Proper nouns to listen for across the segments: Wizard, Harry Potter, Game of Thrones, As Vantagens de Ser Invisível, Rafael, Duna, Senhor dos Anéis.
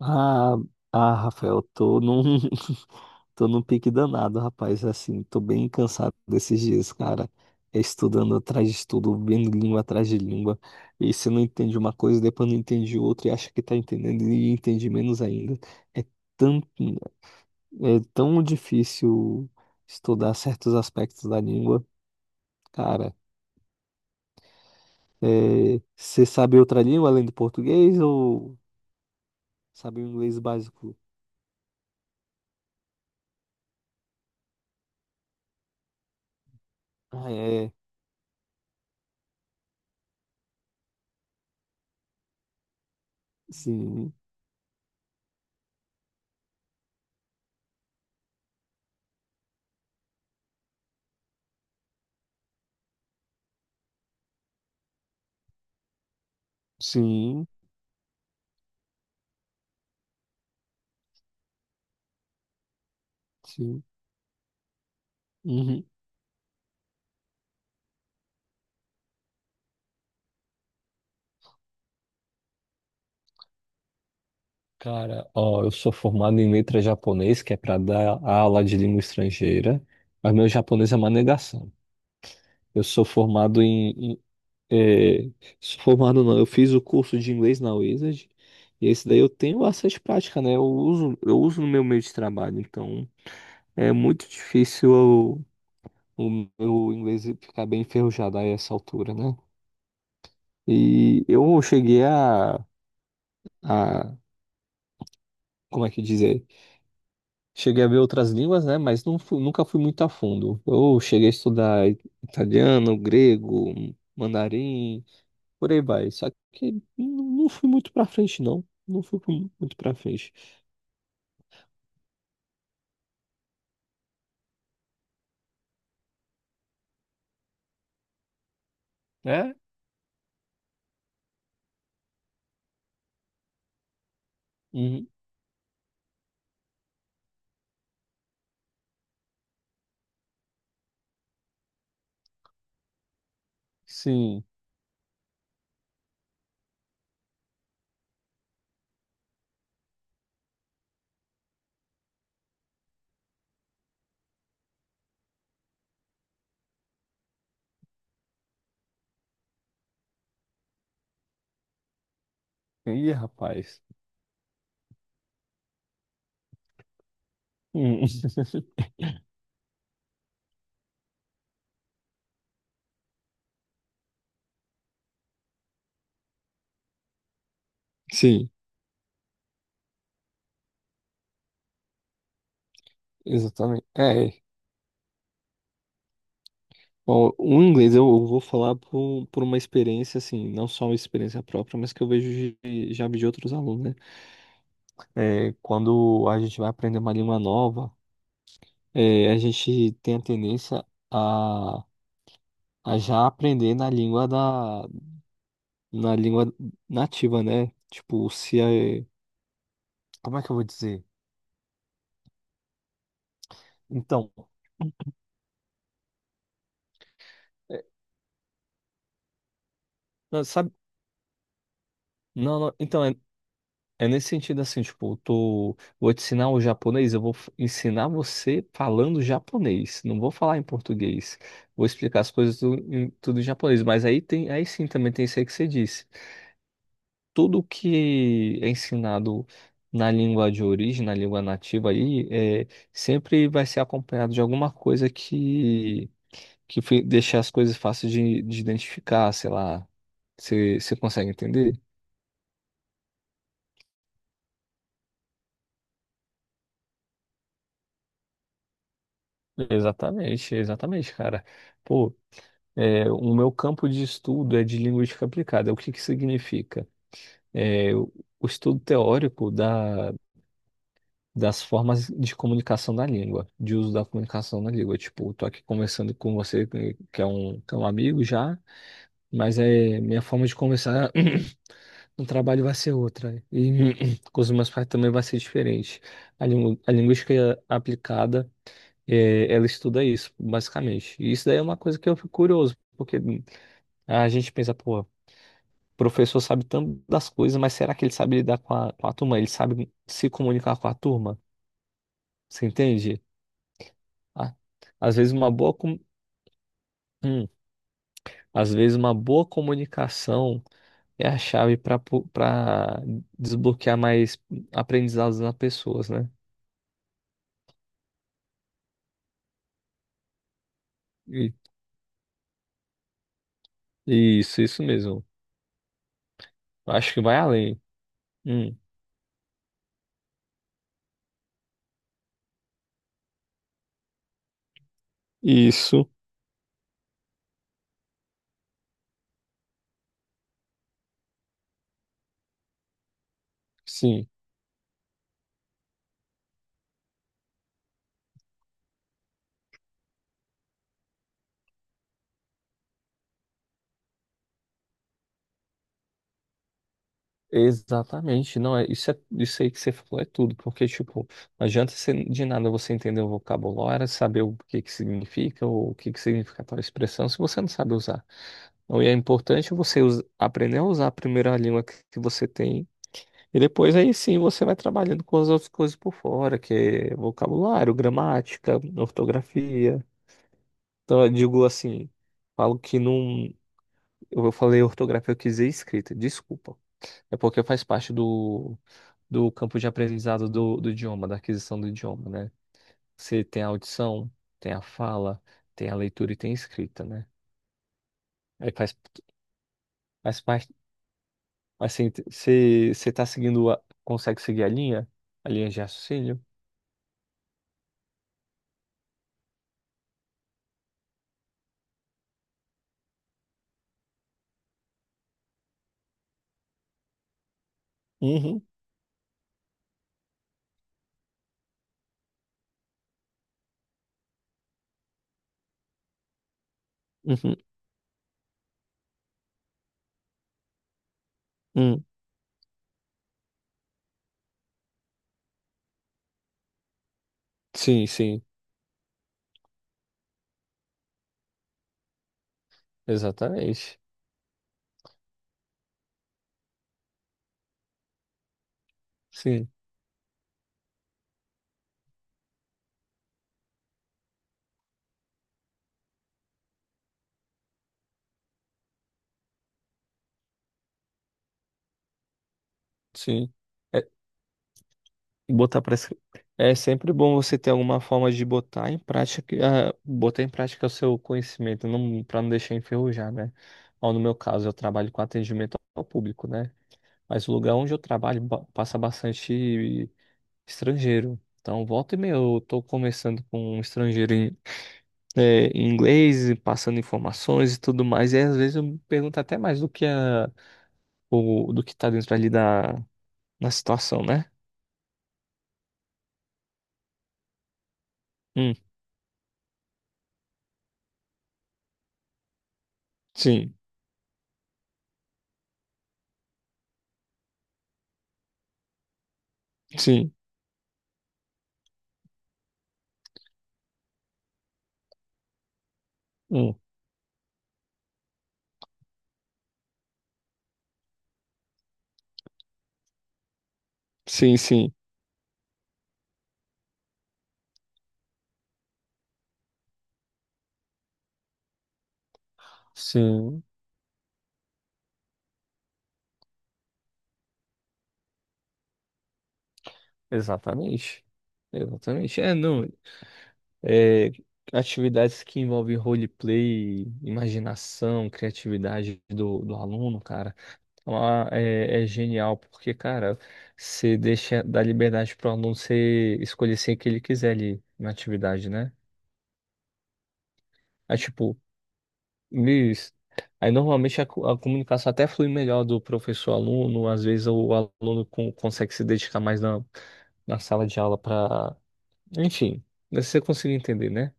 Ah, ah, Rafael, tô num, tô num pique danado, rapaz. Assim, tô bem cansado desses dias, cara. É. Estudando atrás de estudo, vendo língua atrás de língua. E você não entende uma coisa, depois não entende outra, e acha que tá entendendo e entende menos ainda. É tão, é tão difícil estudar certos aspectos da língua, cara. É, você sabe outra língua além do português ou sabe o inglês básico? Ah, é. Sim, sim. Sim. Uhum. Cara, ó, eu sou formado em letras japonês, que é para dar aula de língua estrangeira, mas meu japonês é uma negação. Eu sou formado em, em, sou formado não, eu fiz o curso de inglês na Wizard, e esse daí eu tenho bastante prática, né? Eu uso no meu meio de trabalho, então é muito difícil o meu inglês ficar bem enferrujado a essa altura, né? E eu cheguei a como é que dizer? Cheguei a ver outras línguas, né? Mas nunca fui muito a fundo. Eu cheguei a estudar italiano, grego, mandarim, por aí vai. Só que não fui muito pra frente, não. Muito pra frente. É? Uhum. Sim. Ih, rapaz. Hum. Sim, exatamente. É. É. Bom, o inglês eu vou falar por, um, por uma experiência, assim, não só uma experiência própria, mas que eu vejo de, já vi de outros alunos, né? É, quando a gente vai aprender uma língua nova. É, a gente tem a tendência a, a já aprender na na língua nativa, né? Tipo, se é, como é que eu vou dizer? Então, é, não, sabe? Não, não, então é, é nesse sentido assim, tipo, eu tô, vou te ensinar o japonês, eu ensinar você falando japonês, não vou falar em português. Vou explicar as coisas tudo em japonês, mas aí tem, aí sim também tem isso aí que você disse. Tudo que é ensinado na na língua nativa aí, é, sempre vai ser acompanhado de alguma coisa que, deixe as coisas fáceis de identificar, sei lá. Você consegue entender? Exatamente, exatamente, cara. Pô, é, o meu campo de estudo é de linguística aplicada. O que que significa? É, o estudo teórico da das formas de comunicação da língua, de uso da comunicação da língua. Tipo, eu tô aqui conversando com você, que é um amigo já, mas é minha forma de conversar no trabalho vai ser outra. E com os meus pais também vai ser diferente. A linguística aplicada, é, ela estuda isso, basicamente. E isso daí é uma coisa que eu fico curioso, porque a gente pensa, pô. O professor sabe tanto das coisas, mas será que ele sabe lidar com com a turma? Ele sabe se comunicar com a turma? Você entende? a- Às vezes hum, às vezes uma boa comunicação é a chave para desbloquear mais aprendizados nas pessoas, né? E, isso mesmo. Acho que vai além. Hum, isso, sim. Exatamente. Não é, isso aí que você falou é tudo, porque tipo, não adianta você, de nada você entender o vocabulário, saber o que que significa ou o que que significa tal expressão se você não sabe usar. Então, e é importante você aprender a usar a primeira língua que você tem. E depois aí sim você vai trabalhando com as outras coisas por fora, que é vocabulário, gramática, ortografia. Então eu digo assim, falo que não. Eu falei ortografia, eu quis dizer escrita, desculpa. É porque faz parte do campo de aprendizado do idioma, da aquisição do idioma, né? Você tem a audição, tem a fala, tem a leitura e tem a escrita, né? Aí faz, faz parte. Assim, você tá seguindo a, consegue seguir a linha? A linha de raciocínio? Uhum, uhum, uhum. Sim, sim, exatamente. Sim, sim. É, botar para é sempre bom você ter alguma forma de botar em prática, ah, botar em prática o seu conhecimento, não para não deixar enferrujar, né? Ó, no meu caso, eu trabalho com atendimento ao público, né? Mas o lugar onde eu trabalho passa bastante estrangeiro. Então, volta e meia, eu tô conversando com um estrangeiro é, em inglês, passando informações e tudo mais. E às vezes eu me pergunto até mais do que a, o, do que tá dentro ali da, na situação, né? Hum, sim, sim, hum, sim, sim, sim, exatamente. Exatamente. É, não, é, atividades que envolvem roleplay, imaginação, criatividade do aluno, cara. Lá é, é genial, porque, cara, você deixa, dá liberdade para o aluno você escolher ser que ele quiser ali na atividade, né? Aí, tipo, Luiz, aí normalmente a comunicação até flui melhor do professor-aluno, às vezes o aluno consegue se dedicar mais na, na sala de aula para. Enfim, você consegue entender, né?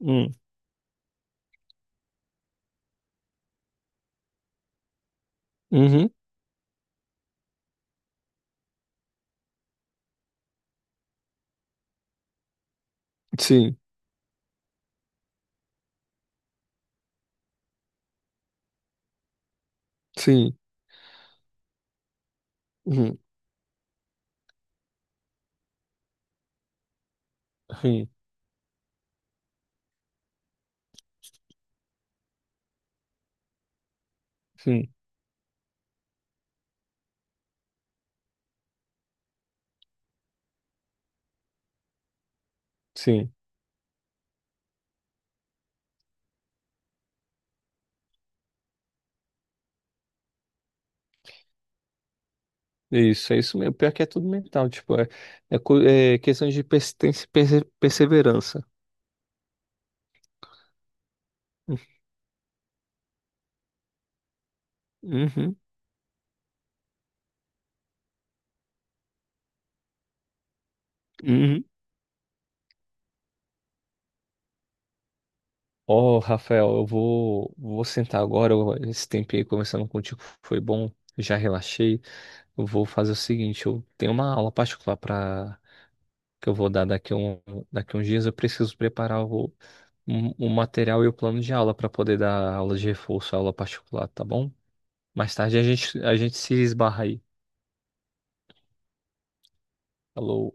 Hum. Uhum. Sim, sim. Uhum. Sim, sim, sim. Isso, é isso mesmo. Pior que é tudo mental, tipo, é, é, é questão de persistência e perseverança. Uhum, uhum. Ó, Rafael, eu vou, vou sentar agora. Esse tempo aí conversando contigo foi bom, já relaxei. Eu vou fazer o seguinte, eu tenho uma aula particular para que eu vou dar daqui a um, daqui a uns dias. Eu preciso preparar o, o material e o plano de aula para poder dar aula de reforço, aula particular, tá bom? Mais tarde a gente se esbarra aí. Falou.